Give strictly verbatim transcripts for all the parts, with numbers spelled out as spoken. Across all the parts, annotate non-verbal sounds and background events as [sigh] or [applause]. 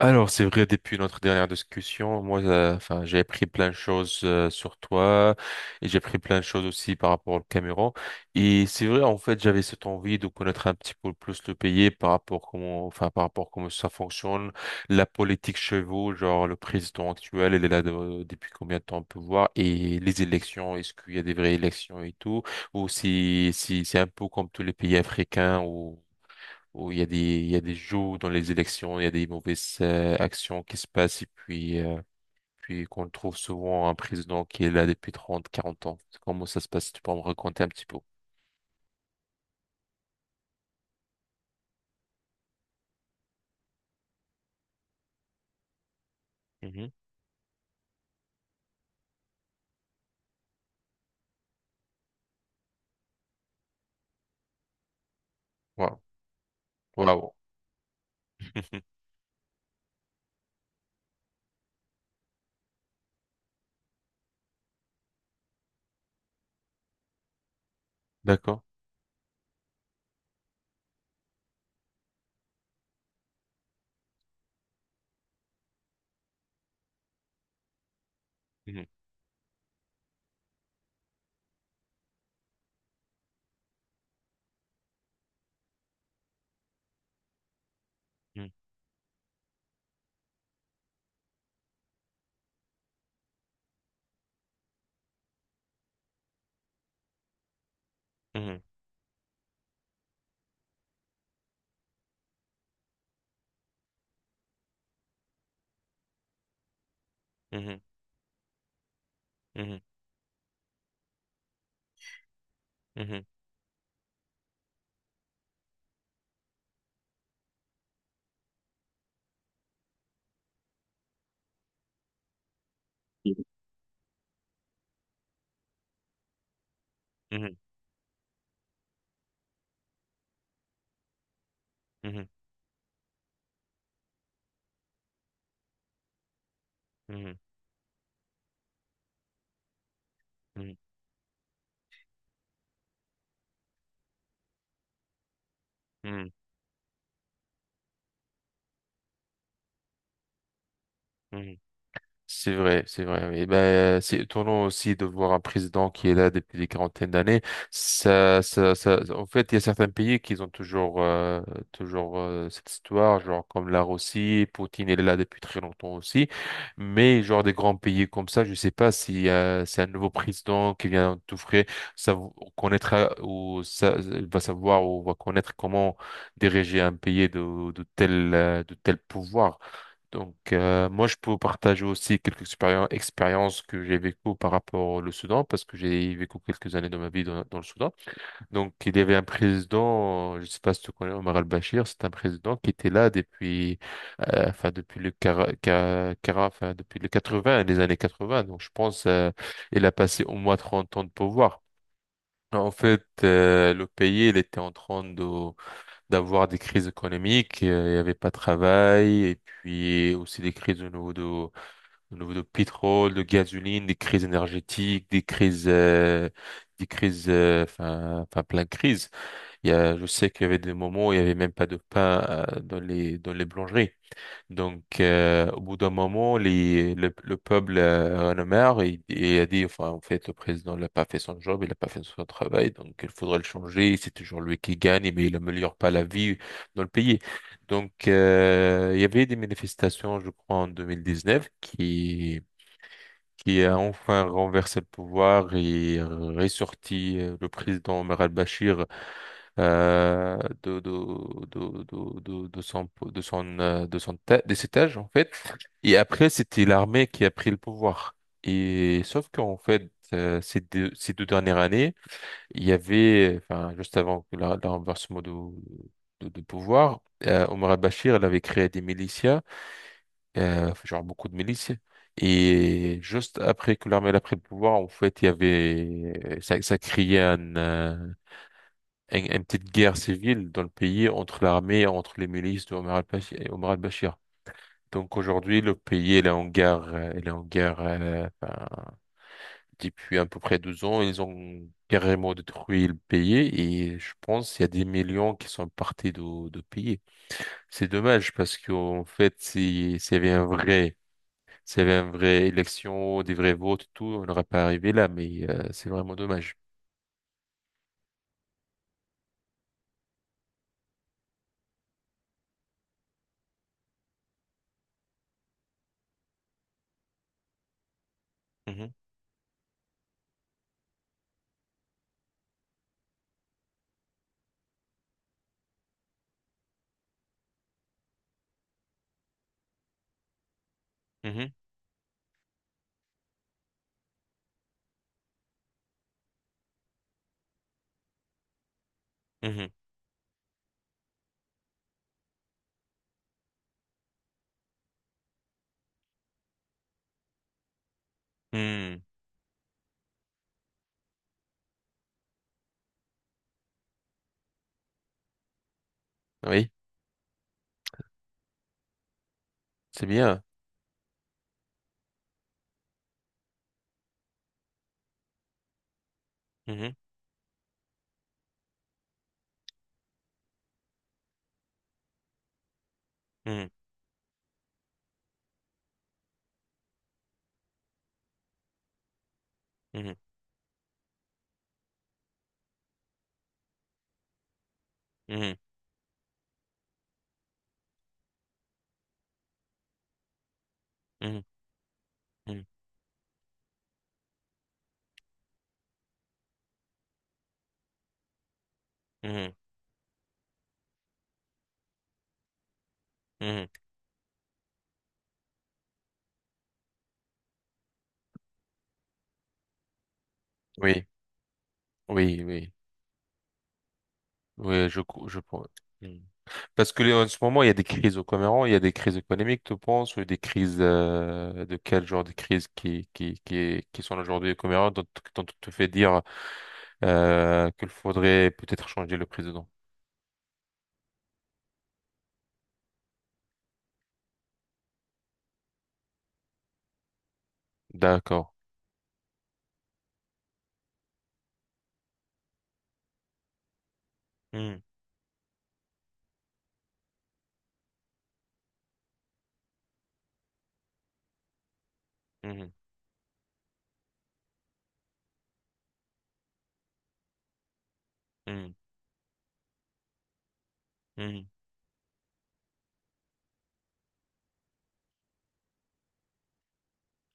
Alors, c'est vrai, depuis notre dernière discussion, moi, euh, enfin, j'ai appris plein de choses euh, sur toi et j'ai appris plein de choses aussi par rapport au Cameroun. Et c'est vrai, en fait, j'avais cette envie de connaître un petit peu plus le pays par rapport comment, enfin, par rapport comment ça fonctionne, la politique chez vous, genre le président actuel, il est là de- depuis combien de temps on peut voir, et les élections, est-ce qu'il y a des vraies élections et tout, ou si, si c'est un peu comme tous les pays africains où il y a des, il y a des jeux dans les élections, il y a des mauvaises euh, actions qui se passent. Et puis, euh, puis qu'on trouve souvent un président qui est là depuis trente quarante ans. Comment ça se passe? Tu peux me raconter un petit peu? Mhm. Wow. Wow. [laughs] D'accord. Mhm. Mhm. Mhm. Mhm. Mhm. Mhm. Mhm. Mhm. Mhm. Mhm. Mhm. Mhm. C'est vrai, c'est vrai. Oui. Et ben, c'est étonnant aussi de voir un président qui est là depuis des quarantaines d'années. Ça, ça, ça, en fait, il y a certains pays qui ont toujours, euh, toujours euh, cette histoire, genre comme la Russie, Poutine est là depuis très longtemps aussi. Mais genre des grands pays comme ça, je sais pas si euh, c'est un nouveau président qui vient tout frais, ça connaîtra, ou ça il va savoir, ou va connaître comment diriger un pays de, de tel, euh, de tel pouvoir. Donc, euh, moi, je peux vous partager aussi quelques expérien- expériences que j'ai vécues par rapport au Soudan, parce que j'ai vécu quelques années de ma vie dans, dans le Soudan. Donc, il y avait un président, euh, je ne sais pas si tu connais Omar al-Bashir, c'est un président qui était là depuis, euh, enfin, depuis le quar- quar- quar- enfin, depuis les quatre-vingt, les années quatre-vingt. Donc, je pense, euh, il a passé au moins trente ans de pouvoir. En fait, euh, le pays, il était en train de d'avoir des crises économiques, euh, il n'y avait pas de travail, et puis aussi des crises au niveau de, au niveau de pétrole, de gasoline, des crises énergétiques, des crises, euh, des crises, euh, enfin, enfin plein de crises. Il y a, je sais qu'il y avait des moments où il n'y avait même pas de pain, euh, dans les, dans les boulangeries. Donc, euh, au bout d'un moment, les, le, le peuple euh, en a marre, et, et a dit, enfin, en fait, le président n'a pas fait son job, il n'a pas fait son travail, donc il faudrait le changer. C'est toujours lui qui gagne, mais il n'améliore pas la vie dans le pays. Donc, euh, il y avait des manifestations, je crois, en vingt dix-neuf qui qui a enfin renversé le pouvoir et ressorti euh, le président Omar al-Bashir, euh, de, de, de, de, de, de son, de son, euh, de son ta- de cet âge, en fait. Et après, c'était l'armée qui a pris le pouvoir. Et sauf qu'en fait, euh, ces deux, ces deux dernières années, il y avait, enfin, juste avant que la- le renversement de, de, de pouvoir, euh, Omar al-Bashir, elle avait créé des milicias, euh, genre beaucoup de milices. Et juste après que l'armée elle a pris le pouvoir, en fait, il y avait, ça, ça créait un, euh, un- une petite guerre civile dans le pays entre l'armée et entre les milices de Omar al-Bashir. Omar al-Bashir. Donc aujourd'hui, le pays, il est en guerre, euh, il est en guerre euh, ben, depuis à peu près douze ans. Ils ont carrément détruit le pays, et je pense qu'il y a des millions qui sont partis de, de pays. C'est dommage, parce qu'en fait, si- s'il y avait un vrai s'il y avait une vraie élection, des vrais votes et tout, on n'aurait pas arrivé là, mais euh, c'est vraiment dommage. Mhm, mhm, mhm, mhm. Oui, c'est bien. Mhm, mhm, mhm, mhm, mhm, mhm, mhm, mhm. Oui, oui, oui, oui, je, cou- je pense. Mhm. Parce que là, en ce moment, il y a des crises au Cameroun, il y a des crises économiques, tu penses, ou des crises, euh, de quel genre de crises qui qui qui qui sont aujourd'hui au Cameroun, dont, dont tu te fais dire euh, qu'il faudrait peut-être changer le président. D'accord. Mhm, mhm, mhm, mhm.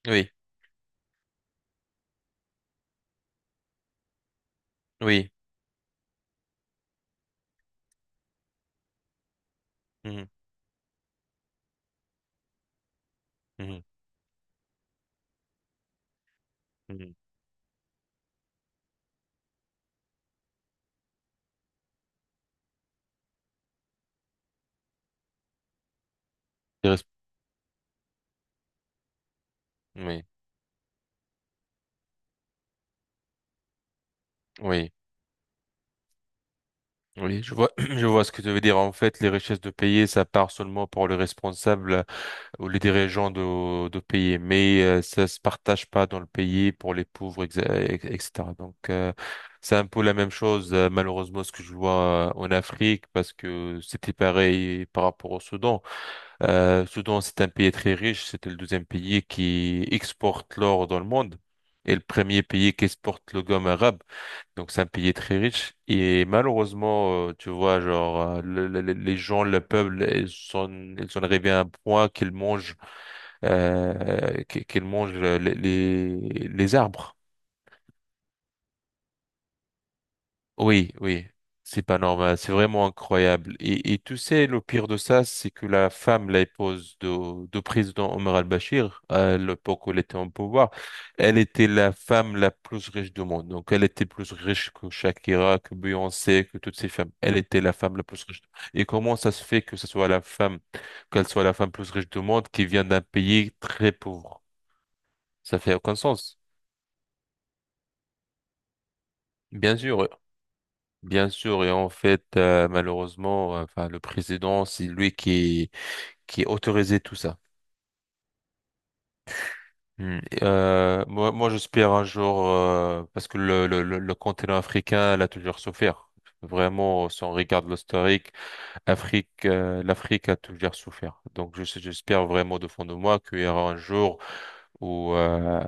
Oui, oui. Mhm, mhm, mhm. Les res- Oui, oui, oui. Je vois, [clears throat] je vois ce que tu veux dire. En fait, les richesses de pays, ça part seulement pour les responsables ou les dirigeants de, de pays, mais euh, ça se partage pas dans le pays pour les pauvres, exa- ex- et cetera. Donc, euh, c'est un peu la même chose, euh, malheureusement, ce que je vois euh, en Afrique, parce que c'était pareil par rapport au Soudan. Euh, Soudan, c'est un pays très riche. C'était le deuxième pays qui exporte l'or dans le monde, et le premier pays qui exporte le gomme arabe. Donc, c'est un pays très riche. Et malheureusement, euh, tu vois, genre, euh, le- le- le- les gens, le peuple, ils sont, ils sont arrivés à un point qu'ils mangent, euh, qu'- qu'ils mangent les, les les arbres. Oui, oui, c'est pas normal, c'est vraiment incroyable. Et, et tu sais, le pire de ça, c'est que la femme, la épouse de, de président Omar al-Bashir, à l'époque où elle était en pouvoir, elle était la femme la plus riche du monde. Donc, elle était plus riche que Shakira, que Beyoncé, que toutes ces femmes. Elle était la femme la plus riche. Et comment ça se fait que ce soit la femme, qu'elle soit la femme plus riche du monde, qui vient d'un pays très pauvre? Ça fait aucun sens. Bien sûr, bien sûr, et en fait, euh, malheureusement, euh, enfin, le président, c'est lui qui, qui autorisait tout ça. Hmm. Et, euh, moi, moi j'espère un jour, euh, parce que le, le, le le continent africain, elle a toujours souffert. Vraiment, si on regarde l'historique, Afrique, euh, l'Afrique a toujours souffert. Donc, je- j'espère vraiment de fond de moi qu'il y aura un jour où, euh,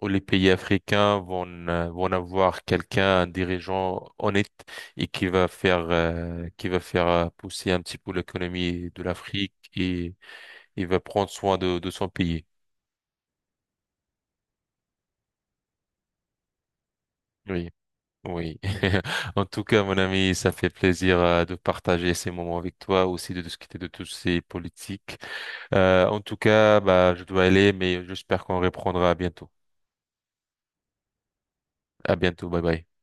où les pays africains vont, euh, vont avoir quelqu'un, un dirigeant honnête, et qui va faire, euh, qui va faire euh, pousser un petit peu l'économie de l'Afrique, et il va prendre soin de, de son pays. Oui, oui. [laughs] En tout cas, mon ami, ça fait plaisir, euh, de partager ces moments avec toi, aussi de discuter de tous ces politiques. Euh, en tout cas, bah, je dois aller, mais j'espère qu'on reprendra bientôt. À bientôt. Bye bye.